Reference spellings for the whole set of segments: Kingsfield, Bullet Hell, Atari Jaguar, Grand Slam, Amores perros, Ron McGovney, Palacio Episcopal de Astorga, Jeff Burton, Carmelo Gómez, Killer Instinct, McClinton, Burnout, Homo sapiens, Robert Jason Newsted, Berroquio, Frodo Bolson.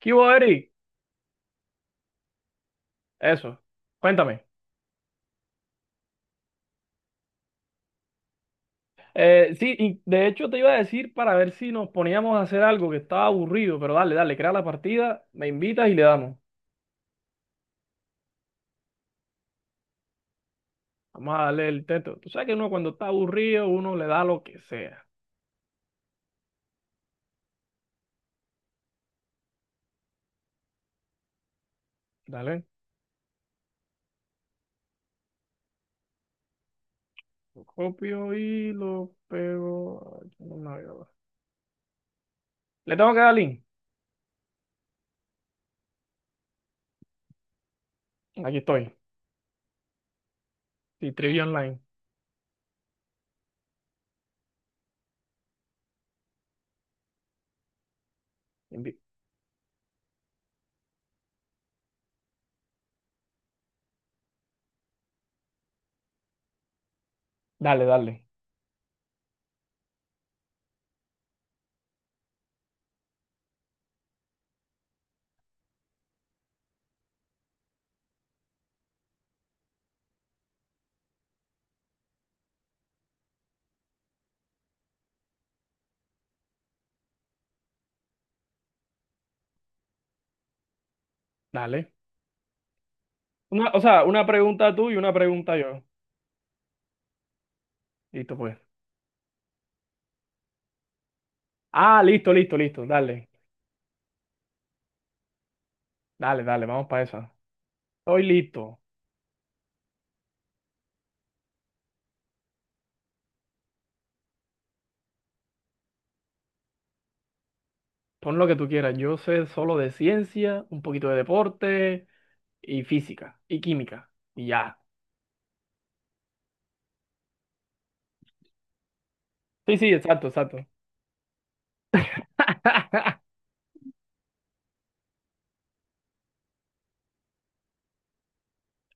¿Qué hubo, Eri? Eso, cuéntame. Sí, y de hecho te iba a decir para ver si nos poníamos a hacer algo que estaba aburrido, pero dale, dale, crea la partida, me invitas y le damos. Vamos a darle el teto. Tú sabes que uno cuando está aburrido, uno le da lo que sea. Dale, lo copio y lo pego aquí en el navegador. Le tengo que dar link. Aquí estoy. Sí, Trivia Online. Invi- Dale, dale, dale. Una, o sea, una pregunta tú y una pregunta yo. Listo, pues. Ah, listo, listo, listo. Dale, dale, dale, vamos para esa. Estoy listo. Pon lo que tú quieras. Yo sé solo de ciencia, un poquito de deporte y física y química. Y ya. Sí, sí, exacto, exacto.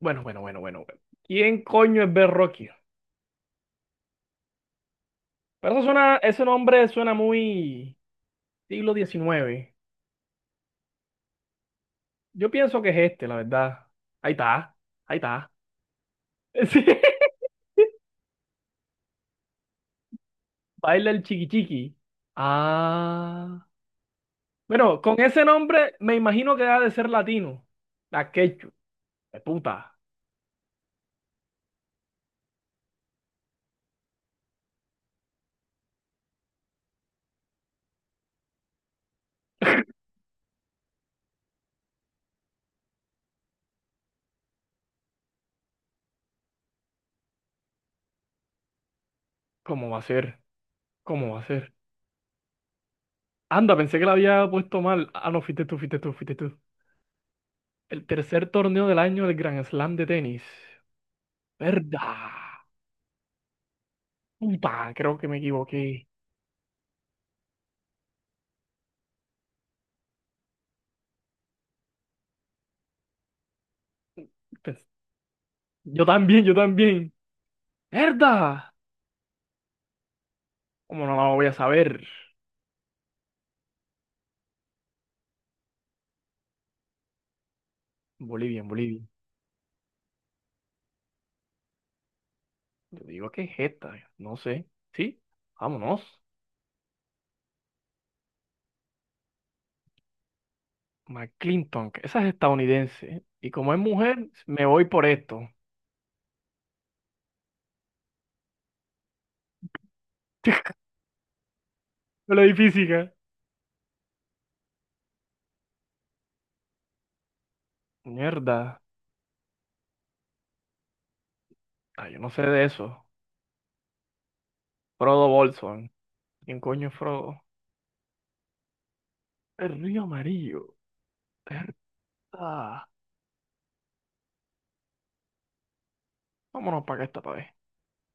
Bueno, bueno, bueno, bueno, bueno. ¿Quién coño es Berroquio? Pero eso suena, ese nombre suena muy siglo XIX. Yo pienso que es este, la verdad. Ahí está, ahí está. Sí. Baila el chiqui chiqui. Ah. Bueno, con ese nombre me imagino que ha de ser latino. La quechua. De puta. ¿Cómo va a ser? ¿Cómo va a ser? Anda, pensé que la había puesto mal. Ah, no, fuiste tú, fuiste tú, fuiste tú. El tercer torneo del año del Grand Slam de tenis. ¿Verdad? Puta, creo que me equivoqué. Pens- Yo también, yo también. ¿Verdad? ¿Cómo no lo voy a saber? Bolivia, en Bolivia. Yo digo que es esta, no sé. ¿Sí? Vámonos. McClinton, que esa es estadounidense. Y como es mujer, me voy por esto. Yo le di física. Mierda. Ah, yo no sé de eso. Frodo Bolson. ¿Quién coño es Frodo? El río amarillo. Ah, vámonos para acá esta vez.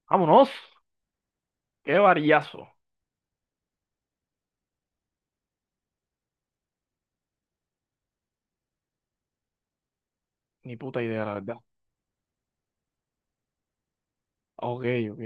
¡Vámonos! ¡Qué varillazo! Ni puta idea, la verdad. Ok, ok.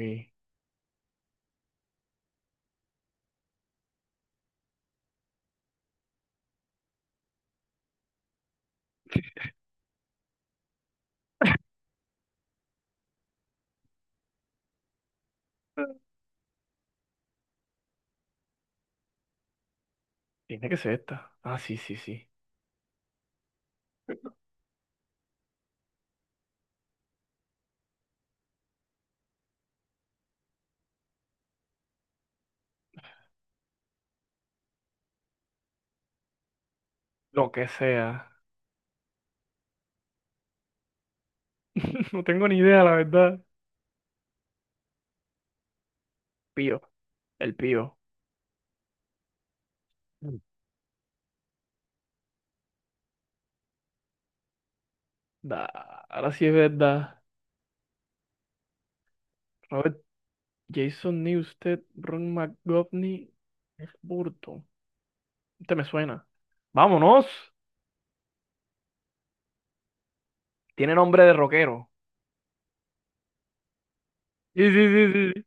Tiene que ser esta. Ah, sí, sí, sí. Lo que sea. No tengo ni idea, la verdad. Pío. El pío. Mm. Da, ahora sí es verdad. Robert Jason Newsted, Ron McGovney, Jeff Burton. Este me suena. ¡Vámonos! Tiene nombre de rockero. Sí, sí, sí, sí.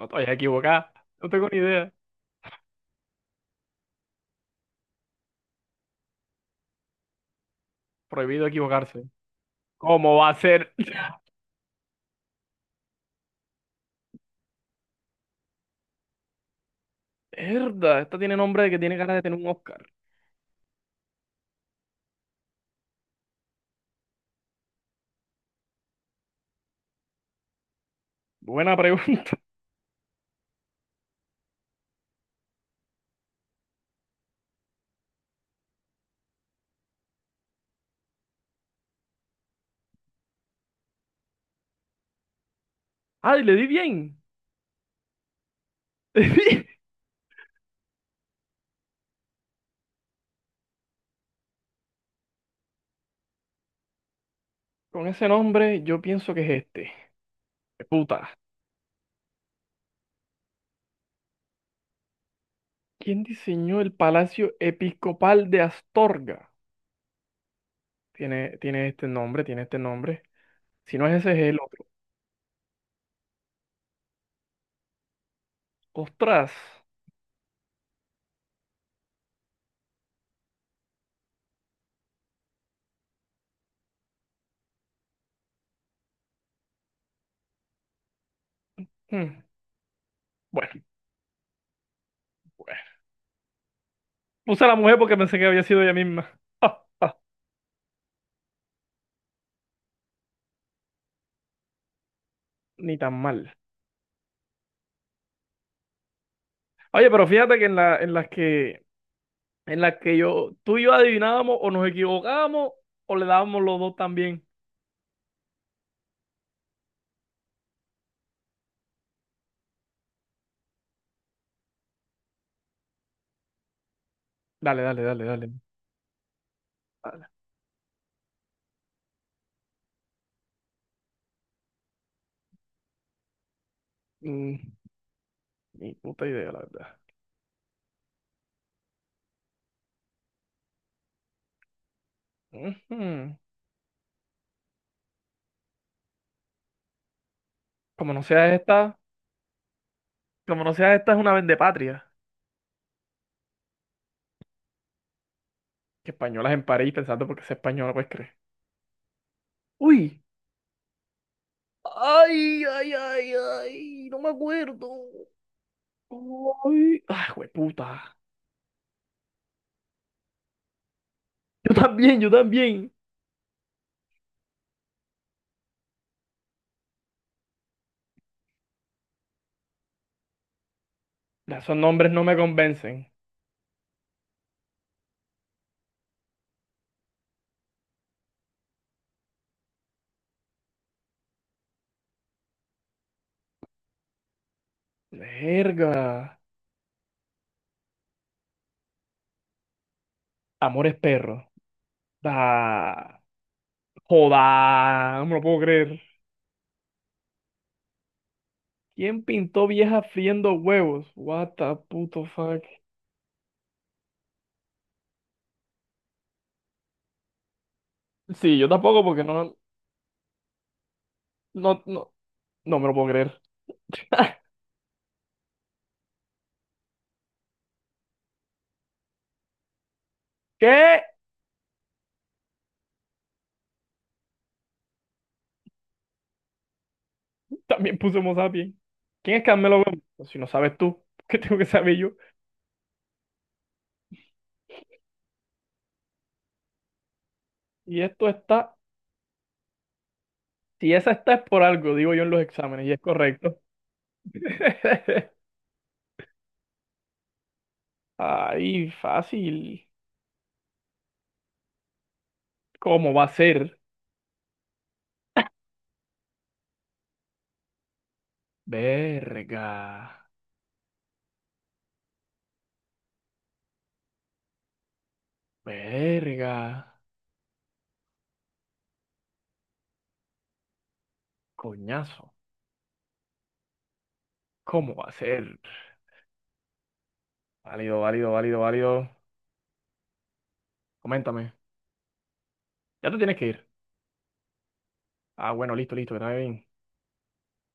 No te vayas a equivocar. No tengo ni idea. Prohibido equivocarse. ¿Cómo va a ser? Herda, esta tiene nombre de que tiene cara de tener un Oscar. Buena pregunta. Ay, le di bien. Le di bien. Con ese nombre, yo pienso que es este. ¡Qué puta! ¿Quién diseñó el Palacio Episcopal de Astorga? Tiene, tiene este nombre, tiene este nombre. Si no es ese, es el otro. Ostras. Hmm. Bueno, bueno. Puse a la mujer porque pensé que había sido ella misma. Ni tan mal. Oye, pero fíjate que en la que tú y yo adivinábamos o nos equivocábamos o le dábamos los dos también. Dale, dale, dale, dale. Dale. Mm, Ni puta idea, la verdad. Ujú. Como no sea esta, como no sea esta, es una vendepatria. Que españolas en París pensando porque es española, pues crees. Uy. Ay, ay, ay, ay, no me acuerdo. Ay, ay, puta. Yo también, yo también. Ya, esos nombres no me convencen. Verga. Amores perros. Da. Joda, no me lo puedo creer. ¿Quién pintó vieja friendo huevos? What the puto fuck. Sí, yo tampoco porque no, no, no, no me lo puedo creer. ¿Qué? También puse Homo sapiens. ¿Quién es Carmelo Gómez? Pues si no sabes tú, ¿qué tengo que saber yo? Y esto está, si esa está es por algo, digo yo en los exámenes, y es correcto. Ay, fácil. ¿Cómo va a ser? Verga, verga, coñazo. ¿Cómo va a ser? Válido, válido, válido, válido. Coméntame. Ya te tienes que ir. Ah, bueno, listo, listo, que te vaya bien.